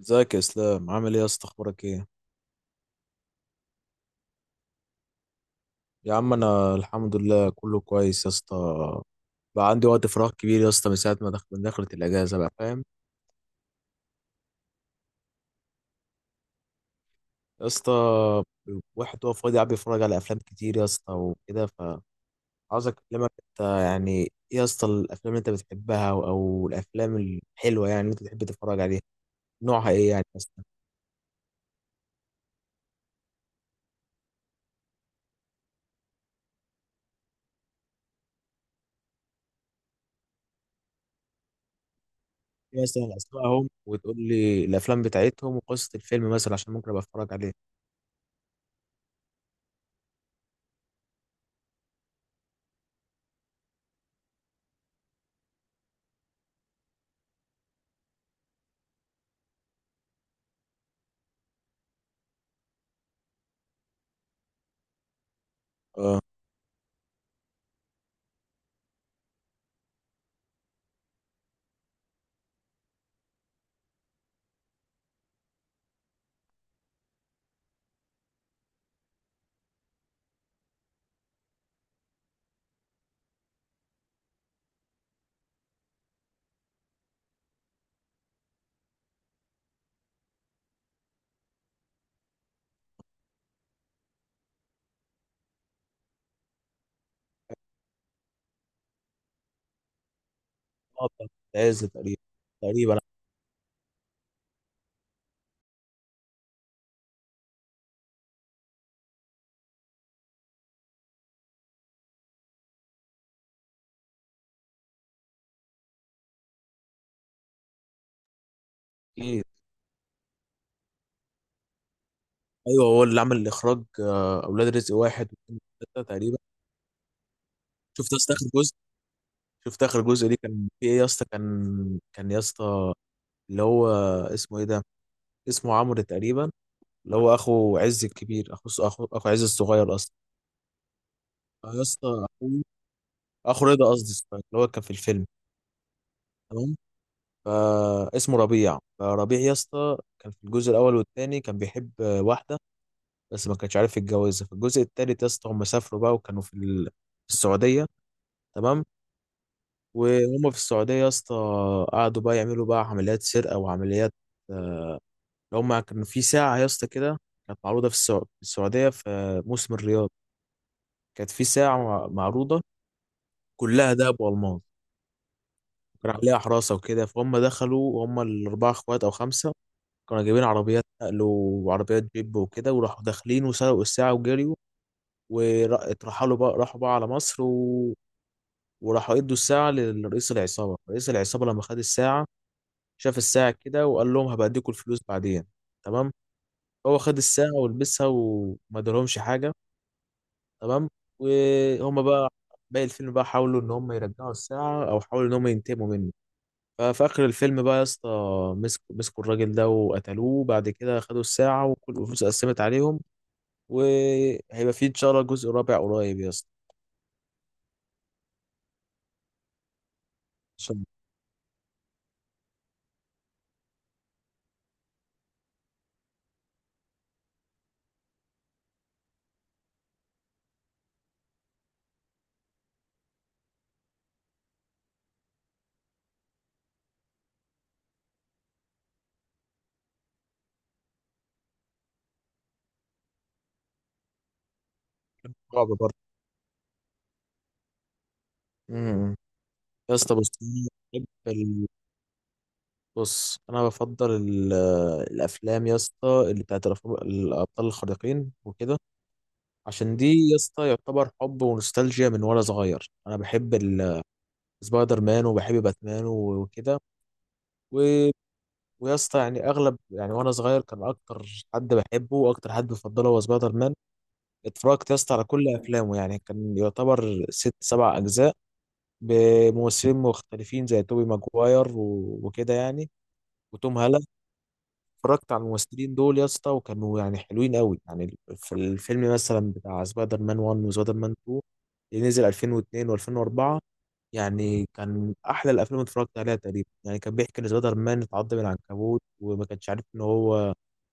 ازيك يا اسلام؟ عامل ايه يا اسطى؟ اخبارك ايه؟ يا عم انا الحمد لله كله كويس يا اسطى. بقى عندي وقت فراغ كبير يا اسطى من ساعه ما دخلت من دخلت الاجازه، بقى فاهم يا اسطى؟ واحد هو فاضي قاعد بيتفرج على افلام كتير يا اسطى، وكده فعاوز اكلمك انت. يعني ايه يا اسطى الافلام اللي انت بتحبها؟ او الافلام الحلوه يعني اللي انت بتحب تتفرج عليها، نوعها ايه يعني مثلا؟ ايه مثلا اسمائهم؟ وتقول لي الافلام بتاعتهم وقصه الفيلم مثلا، عشان ممكن ابقى اتفرج عليه. اه. بتاعت عز تقريبا. تقريبا. اكيد. ايوه، هو اللي عمل الاخراج اولاد رزق واحد واثنين وثلاثه تقريبا. شفت يا اسطى اخر جزء؟ شفت اخر جزء ليه؟ كان في ايه يا اسطى؟ كان يا اسطى اللي هو اسمه ايه ده؟ اسمه عمرو تقريبا، اللي هو اخو عز الكبير، اخو عز الصغير اصلا. يا اسطى اخو، اخو رضا قصدي الصغير اللي هو كان في الفيلم. تمام. فاسمه ربيع. فربيع يا اسطى كان في الجزء الاول والثاني كان بيحب واحده بس ما كانش عارف يتجوزها. في الجزء الثالث يا اسطى هم سافروا بقى وكانوا في في السعوديه. تمام. وهم في السعودية يا اسطى قعدوا بقى يعملوا بقى عمليات سرقة وعمليات اللي هم كانوا في ساعة يا اسطى كده، كانت معروضة في في السعودية في موسم الرياض. كانت في ساعة معروضة كلها دهب والماس، كان عليها حراسة وكده. فهم دخلوا وهم الأربعة اخوات أو خمسة كانوا جايبين عربيات نقل وعربيات جيب وكده، وراحوا داخلين وسرقوا الساعة وجريوا، واترحلوا بقى، راحوا بقى على مصر وراحوا ادوا الساعة لرئيس العصابة. رئيس العصابة لما خد الساعة شاف الساعة كده وقال لهم هبقى اديكوا الفلوس بعدين. تمام. هو خد الساعة ولبسها وما ادالهمش حاجة. تمام. وهم بقى باقي الفيلم بقى حاولوا ان هم يرجعوا الساعة او حاولوا ان هم ينتقموا منه. ففي اخر الفيلم بقى يا اسطى مسكوا الراجل ده وقتلوه، بعد كده خدوا الساعة وكل الفلوس اتقسمت عليهم. وهيبقى في ان شاء الله جزء رابع قريب يا اسطى. عشان رعب برضه. أمم. يا اسطى بص، بص انا بفضل الافلام يا اسطى اللي بتاعت الابطال الخارقين وكده، عشان دي يا اسطى يعتبر حب ونوستالجيا من وانا صغير. انا بحب سبايدر مان وبحب باتمان وكده و... ويا اسطى يعني اغلب، يعني وانا صغير كان اكتر حد بحبه واكتر حد بفضله هو سبايدر مان. اتفرجت يا اسطى على كل افلامه، يعني كان يعتبر ست سبع اجزاء بممثلين مختلفين زي توبي ماجواير وكده يعني، وتوم هالاند. اتفرجت على الممثلين دول يا اسطى وكانوا يعني حلوين قوي. يعني في الفيلم مثلا بتاع سبايدر مان 1 وسبايدر مان 2 اللي نزل 2002 و2004، يعني كان احلى الافلام اللي اتفرجت عليها تقريبا. يعني كان بيحكي ان سبايدر مان اتعض من العنكبوت وما كانش عارف ان هو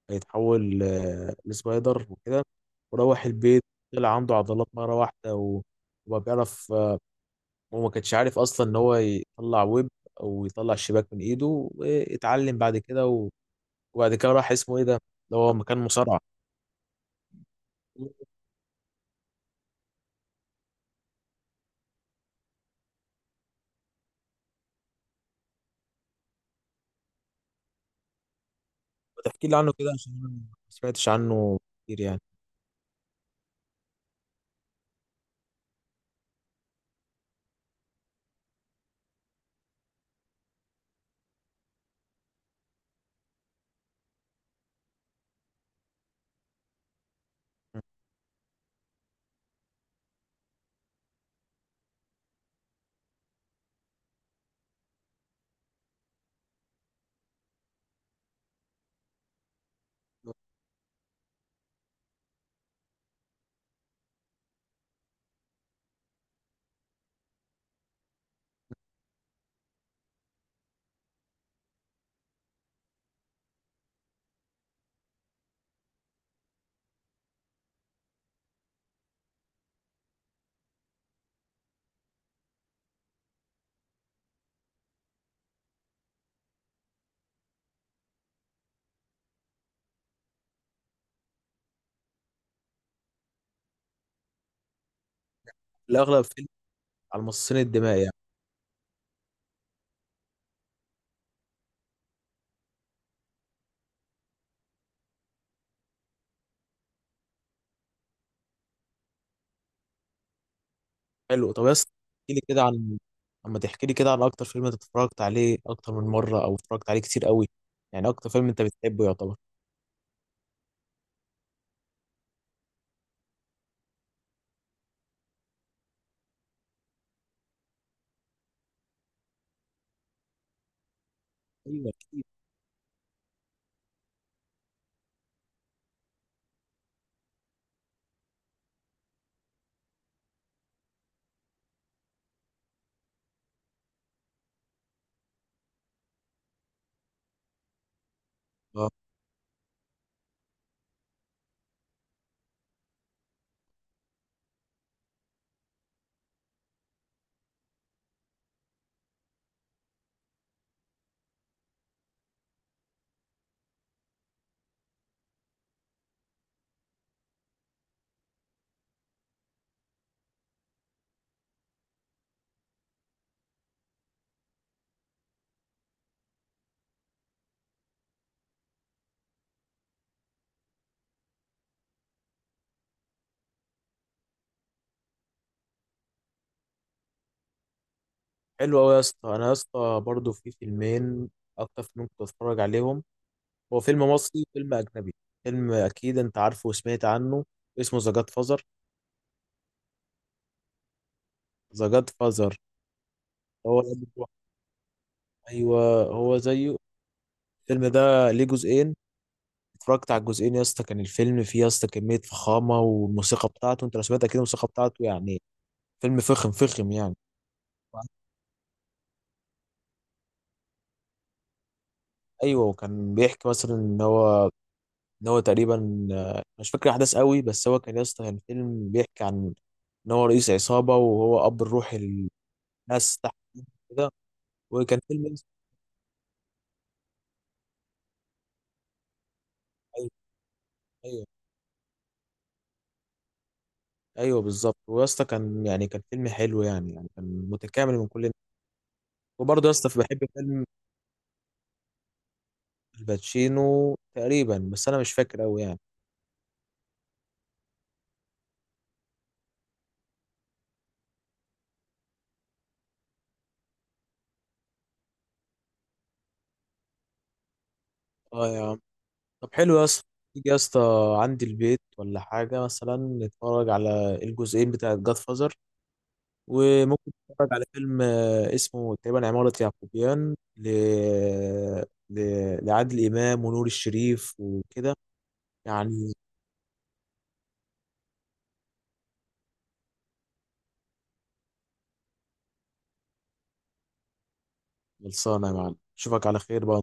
هيتحول لسبايدر وكده. وروح البيت طلع عنده عضلات مره واحده وما بيعرف آه، وما كانش عارف اصلا ان هو يطلع ويب او يطلع شباك من ايده، واتعلم بعد كده. وبعد كده راح اسمه ايه ده اللي هو مكان مصارعة. ما تحكي لي عنه كده عشان انا ما سمعتش عنه كتير يعني. الاغلب فيلم على مصاصين الدماء يعني؟ حلو. طب بس احكي لي كده عن، اما تحكي لي كده عن اكتر فيلم انت اتفرجت عليه اكتر من مرة او اتفرجت عليه كتير قوي، يعني اكتر فيلم انت بتحبه يعتبر. ايوه اكيد. آه، حلو قوي يا اسطى. انا يا اسطى برضه في فيلمين اكتر فيلم كنت بتفرج عليهم، هو فيلم مصري وفيلم اجنبي. فيلم اكيد انت عارفه وسمعت عنه، اسمه ذا جاد فازر. ذا جاد فازر، هو. ايوه هو زيه. الفيلم ده ليه جزئين، اتفرجت على الجزئين يا اسطى. كان الفيلم فيه يا اسطى كميه فخامه، والموسيقى بتاعته انت لو سمعت اكيد الموسيقى بتاعته، يعني فيلم فخم فخم يعني. ايوه، وكان بيحكي مثلا ان هو، ان هو تقريبا مش فاكر احداث قوي، بس هو كان يا اسطى كان فيلم بيحكي عن ان هو رئيس عصابه وهو اب الروحي للناس تحت كده. وكان فيلم يا اسطى-. ايوه، ايوه، ايوه بالظبط. ويا اسطى كان يعني كان فيلم حلو يعني، يعني كان متكامل من كل. وبرضه يا اسطى بحب فيلم الباتشينو تقريبا، بس انا مش فاكر قوي يعني. اه يا عم. طب حلو يا اسطى، تيجي يا اسطى عندي البيت ولا حاجه مثلا نتفرج على الجزئين بتاع جاد فازر؟ وممكن نتفرج على فيلم اسمه تقريبا عمارة يعقوبيان ل... لعادل امام ونور الشريف وكده يعني. خلصانه يا معلم، اشوفك على خير بقى.